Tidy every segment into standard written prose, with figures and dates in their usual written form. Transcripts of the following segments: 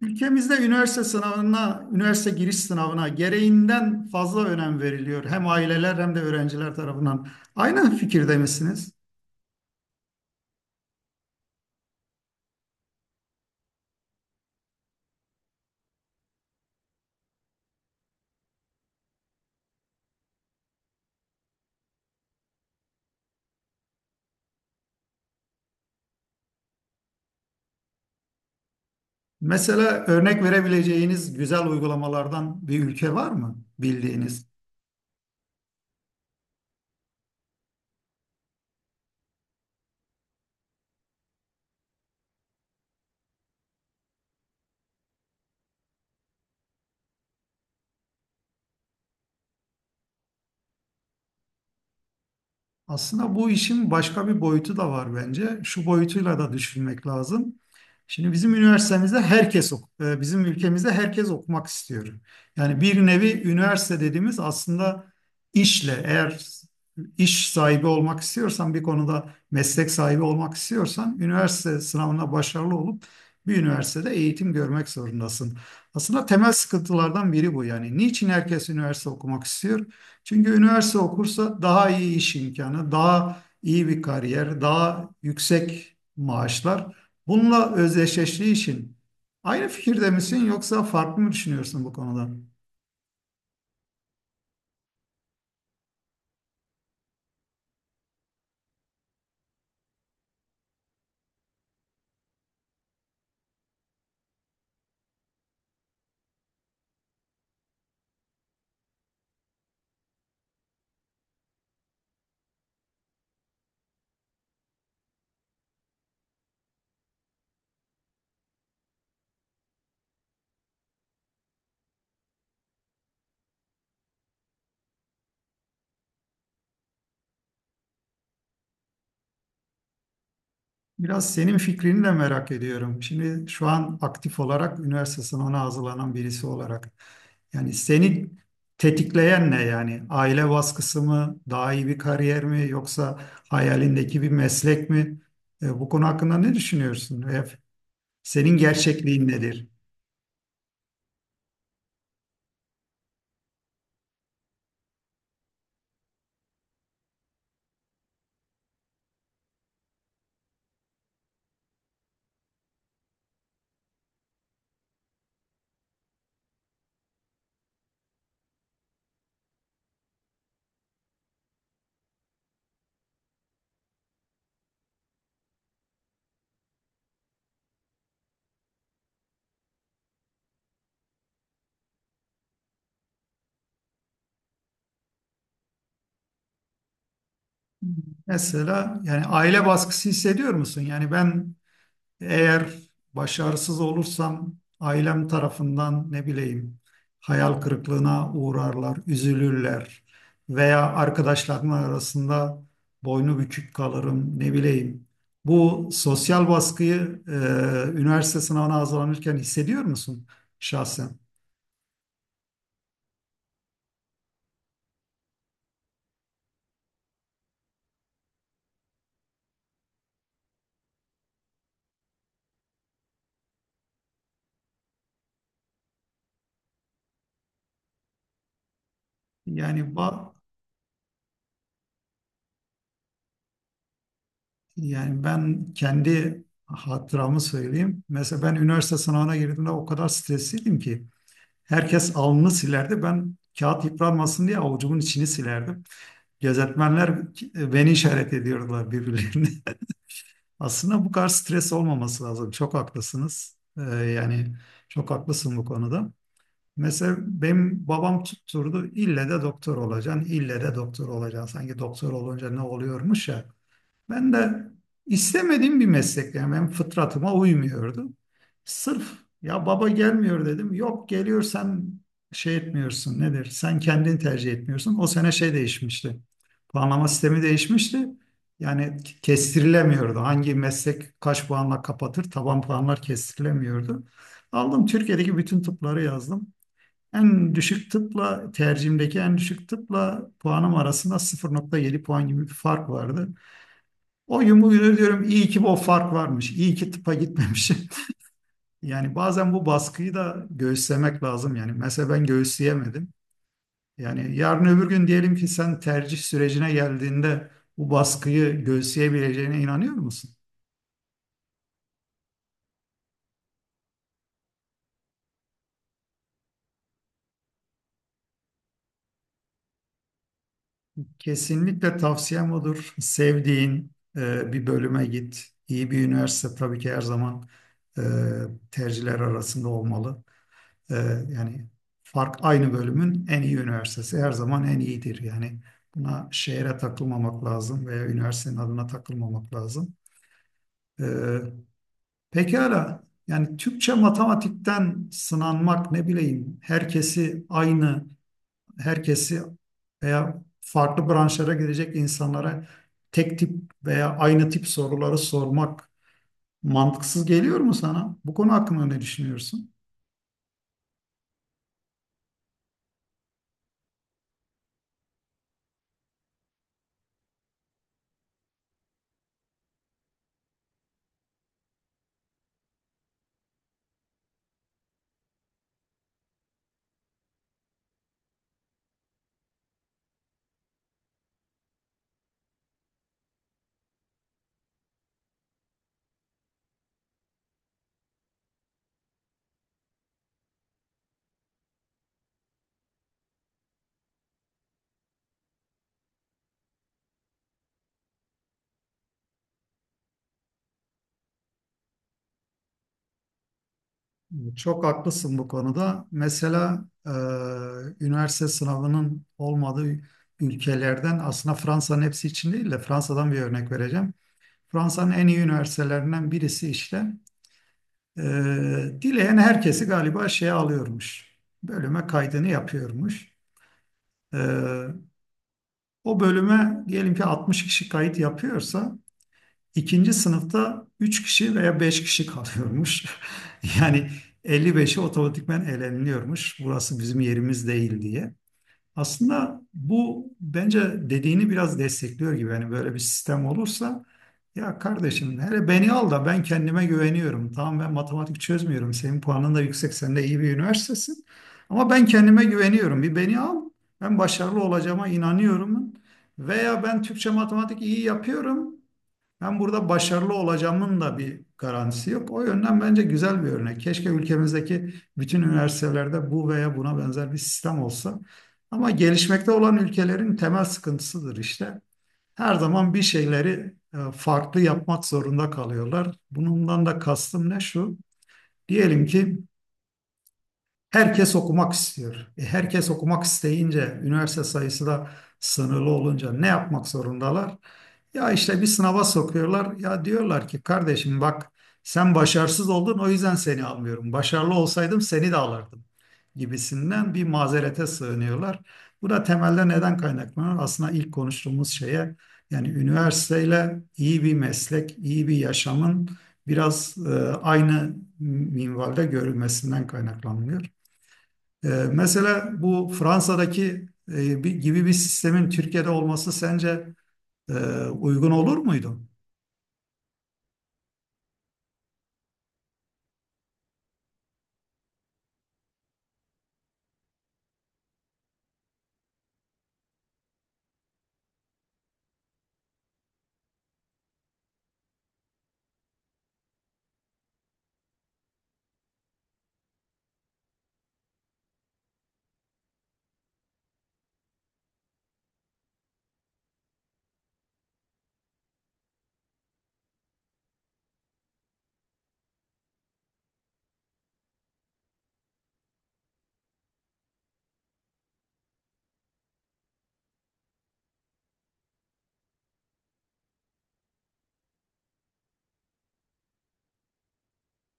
Ülkemizde üniversite sınavına, üniversite giriş sınavına gereğinden fazla önem veriliyor. Hem aileler hem de öğrenciler tarafından. Aynı fikirde misiniz? Mesela örnek verebileceğiniz güzel uygulamalardan bir ülke var mı bildiğiniz? Aslında bu işin başka bir boyutu da var bence. Şu boyutuyla da düşünmek lazım. Şimdi bizim üniversitemizde herkes bizim ülkemizde herkes okumak istiyor. Yani bir nevi üniversite dediğimiz aslında işle eğer iş sahibi olmak istiyorsan bir konuda meslek sahibi olmak istiyorsan üniversite sınavına başarılı olup bir üniversitede eğitim görmek zorundasın. Aslında temel sıkıntılardan biri bu yani. Niçin herkes üniversite okumak istiyor? Çünkü üniversite okursa daha iyi iş imkanı, daha iyi bir kariyer, daha yüksek maaşlar. Bununla özdeşleştiği için aynı fikirde misin yoksa farklı mı düşünüyorsun bu konuda? Biraz senin fikrini de merak ediyorum. Şimdi şu an aktif olarak üniversite sınavına hazırlanan birisi olarak. Yani seni tetikleyen ne yani? Aile baskısı mı, daha iyi bir kariyer mi yoksa hayalindeki bir meslek mi? Bu konu hakkında ne düşünüyorsun? Senin gerçekliğin nedir? Mesela yani aile baskısı hissediyor musun? Yani ben eğer başarısız olursam ailem tarafından ne bileyim hayal kırıklığına uğrarlar, üzülürler veya arkadaşlarım arasında boynu bükük kalırım ne bileyim. Bu sosyal baskıyı üniversite sınavına hazırlanırken hissediyor musun şahsen? Yani ba- Yani ben kendi hatıramı söyleyeyim. Mesela ben üniversite sınavına girdiğimde o kadar stresliydim ki herkes alnını silerdi. Ben kağıt yıpranmasın diye avucumun içini silerdim. Gözetmenler beni işaret ediyordular birbirlerine. Aslında bu kadar stres olmaması lazım. Çok haklısınız. Yani çok haklısın bu konuda. Mesela benim babam tutturdu ille de doktor olacaksın, ille de doktor olacaksın. Sanki doktor olunca ne oluyormuş ya. Ben de istemediğim bir meslek yani benim fıtratıma uymuyordu. Sırf ya baba gelmiyor dedim. Yok geliyor sen şey etmiyorsun nedir? Sen kendini tercih etmiyorsun. O sene şey değişmişti. Puanlama sistemi değişmişti. Yani kestirilemiyordu. Hangi meslek kaç puanla kapatır? Taban puanlar kestirilemiyordu. Aldım Türkiye'deki bütün tıpları yazdım. En düşük tıpla tercihimdeki en düşük tıpla puanım arasında 0.7 puan gibi bir fark vardı. O yumru diyorum iyi ki o fark varmış. İyi ki tıpa gitmemişim. Yani bazen bu baskıyı da göğüslemek lazım. Yani mesela ben göğüsleyemedim. Yani yarın öbür gün diyelim ki sen tercih sürecine geldiğinde bu baskıyı göğüsleyebileceğine inanıyor musun? Kesinlikle tavsiyem odur. Sevdiğin bir bölüme git. İyi bir üniversite tabii ki her zaman e, tercihler arasında olmalı. Ee, yani fark aynı bölümün en iyi üniversitesi her zaman en iyidir. Yani buna şehre takılmamak lazım veya üniversitenin adına takılmamak lazım. Ee, pekala yani Türkçe matematikten sınanmak ne bileyim herkesi veya farklı branşlara gidecek insanlara tek tip veya aynı tip soruları sormak mantıksız geliyor mu sana? Bu konu hakkında ne düşünüyorsun? Çok haklısın bu konuda. Mesela üniversite sınavının olmadığı ülkelerden aslında Fransa'nın hepsi için değil de Fransa'dan bir örnek vereceğim. Fransa'nın en iyi üniversitelerinden birisi işte e, dileyen herkesi galiba şeye alıyormuş. Bölüme kaydını yapıyormuş. E, o bölüme diyelim ki 60 kişi kayıt yapıyorsa İkinci sınıfta 3 kişi veya 5 kişi kalıyormuş. Yani 55'i otomatikmen eleniliyormuş. Burası bizim yerimiz değil diye. Aslında bu bence dediğini biraz destekliyor gibi. Yani böyle bir sistem olursa ya kardeşim hele beni al da ben kendime güveniyorum. Tamam ben matematik çözmüyorum. Senin puanın da yüksek. Sen de iyi bir üniversitesin. Ama ben kendime güveniyorum. Bir beni al. Ben başarılı olacağıma inanıyorum. Veya ben Türkçe matematik iyi yapıyorum. Ben burada başarılı olacağımın da bir garantisi yok. O yönden bence güzel bir örnek. Keşke ülkemizdeki bütün üniversitelerde bu veya buna benzer bir sistem olsa. Ama gelişmekte olan ülkelerin temel sıkıntısıdır işte. Her zaman bir şeyleri farklı yapmak zorunda kalıyorlar. Bundan da kastım ne şu? Diyelim ki herkes okumak istiyor. E, herkes okumak isteyince, üniversite sayısı da sınırlı olunca ne yapmak zorundalar? Ya işte bir sınava sokuyorlar. Ya diyorlar ki kardeşim bak sen başarısız oldun o yüzden seni almıyorum. Başarılı olsaydım seni de alırdım gibisinden bir mazerete sığınıyorlar. Bu da temelde neden kaynaklanıyor? Aslında ilk konuştuğumuz şeye yani üniversiteyle iyi bir meslek, iyi bir yaşamın biraz aynı minvalde görülmesinden kaynaklanmıyor. Mesela bu Fransa'daki gibi bir sistemin Türkiye'de olması sence e, uygun olur muydu?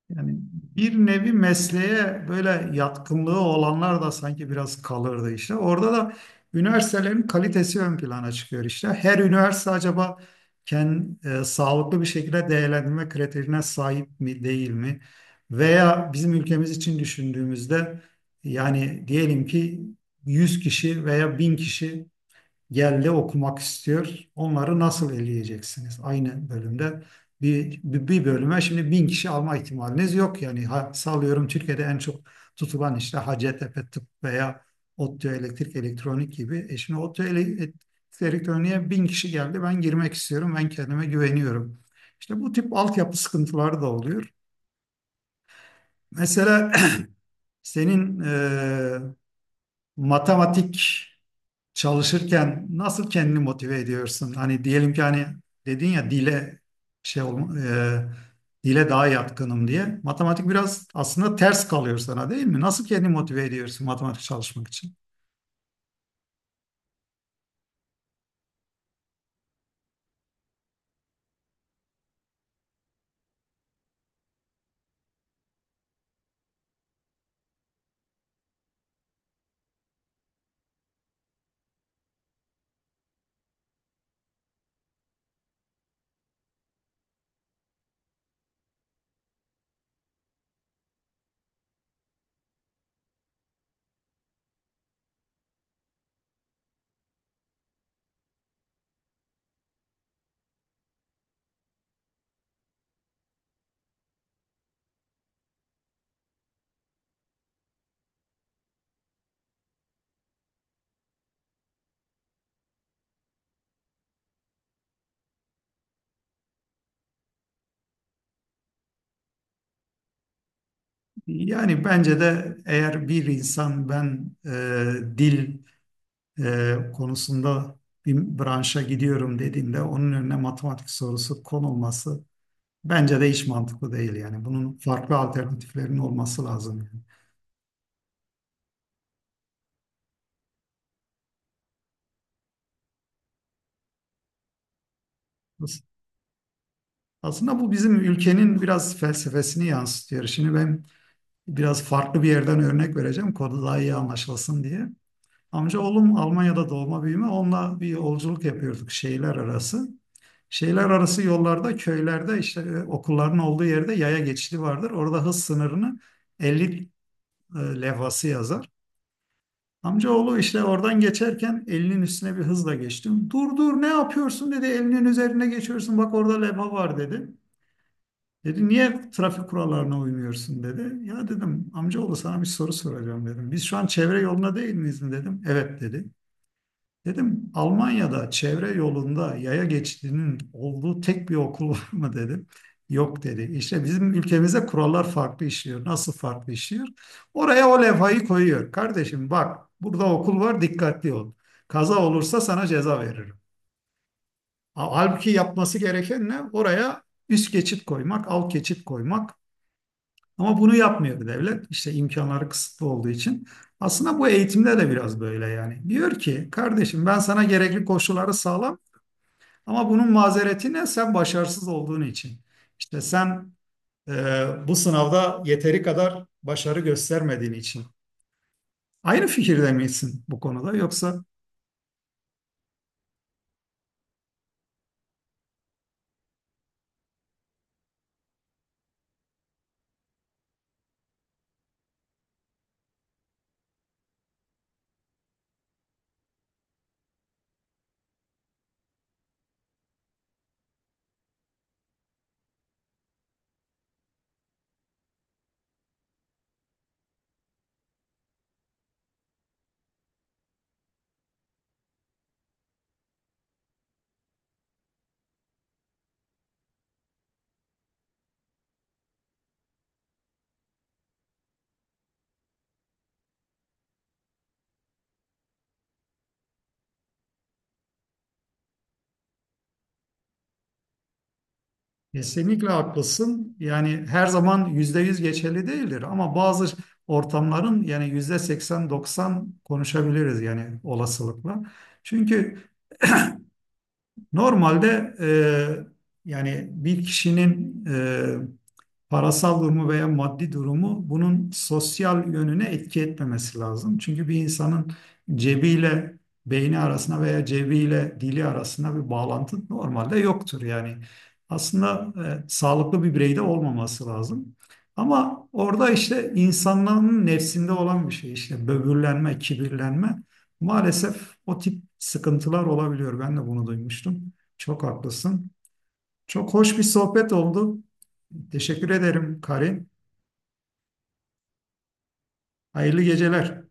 Yani bir nevi mesleğe böyle yatkınlığı olanlar da sanki biraz kalırdı işte. Orada da üniversitelerin kalitesi ön plana çıkıyor işte. Her üniversite acaba kendi sağlıklı bir şekilde değerlendirme kriterine sahip mi değil mi? Veya bizim ülkemiz için düşündüğümüzde yani diyelim ki 100 kişi veya 1000 kişi geldi okumak istiyor. Onları nasıl eleyeceksiniz? Aynı bölümde bir bölüme şimdi bin kişi alma ihtimaliniz yok. Yani ha, sallıyorum Türkiye'de en çok tutulan işte Hacettepe Tıp veya ODTÜ Elektrik Elektronik gibi. E şimdi Elektronik'e bin kişi geldi. Ben girmek istiyorum. Ben kendime güveniyorum. İşte bu tip altyapı sıkıntıları da oluyor. Mesela senin matematik çalışırken nasıl kendini motive ediyorsun? Hani diyelim ki hani dedin ya dile şey olma, dile daha yatkınım diye. Matematik biraz aslında ters kalıyor sana değil mi? Nasıl kendini motive ediyorsun matematik çalışmak için? Yani bence de eğer bir insan ben dil konusunda bir branşa gidiyorum dediğinde onun önüne matematik sorusu konulması bence de hiç mantıklı değil yani. Bunun farklı alternatiflerinin olması lazım yani. As- Aslında bu bizim ülkenin biraz felsefesini yansıtıyor. Şimdi ben biraz farklı bir yerden örnek vereceğim konu daha iyi anlaşılsın diye. Amcaoğlum Almanya'da doğma büyüme onunla bir yolculuk yapıyorduk şehirler arası. Şehirler arası yollarda, köylerde işte okulların olduğu yerde yaya geçidi vardır. Orada hız sınırını 50 levhası yazar. Amcaoğlu işte oradan geçerken elinin üstüne bir hızla geçtim. Dur dur ne yapıyorsun dedi. Elinin üzerine geçiyorsun bak orada levha var dedi. Dedi niye trafik kurallarına uymuyorsun dedi. Ya dedim amcaoğlu sana bir soru soracağım dedim. Biz şu an çevre yoluna değil miyiz dedim. Evet dedi. Dedim Almanya'da çevre yolunda yaya geçidinin olduğu tek bir okul var mı dedim. Yok dedi. İşte bizim ülkemizde kurallar farklı işliyor. Nasıl farklı işliyor? Oraya o levhayı koyuyor. Kardeşim bak burada okul var dikkatli ol. Kaza olursa sana ceza veririm. Halbuki yapması gereken ne? Oraya üst geçit koymak, alt geçit koymak. Ama bunu yapmıyor devlet. İşte imkanları kısıtlı olduğu için. Aslında bu eğitimde de biraz böyle yani. Diyor ki kardeşim ben sana gerekli koşulları sağlam ama bunun mazereti ne? Sen başarısız olduğun için. İşte sen bu sınavda yeteri kadar başarı göstermediğin için. Aynı fikirde misin bu konuda yoksa? Kesinlikle haklısın. Yani her zaman %100 geçerli değildir ama bazı ortamların yani %80 %90 konuşabiliriz yani olasılıkla. Çünkü normalde yani bir kişinin parasal durumu veya maddi durumu bunun sosyal yönüne etki etmemesi lazım. Çünkü bir insanın cebiyle beyni arasında veya cebiyle dili arasında bir bağlantı normalde yoktur. Yani aslında sağlıklı bir bireyde olmaması lazım. Ama orada işte insanların nefsinde olan bir şey işte böbürlenme, kibirlenme maalesef o tip sıkıntılar olabiliyor. Ben de bunu duymuştum. Çok haklısın. Çok hoş bir sohbet oldu. Teşekkür ederim Karin. Hayırlı geceler.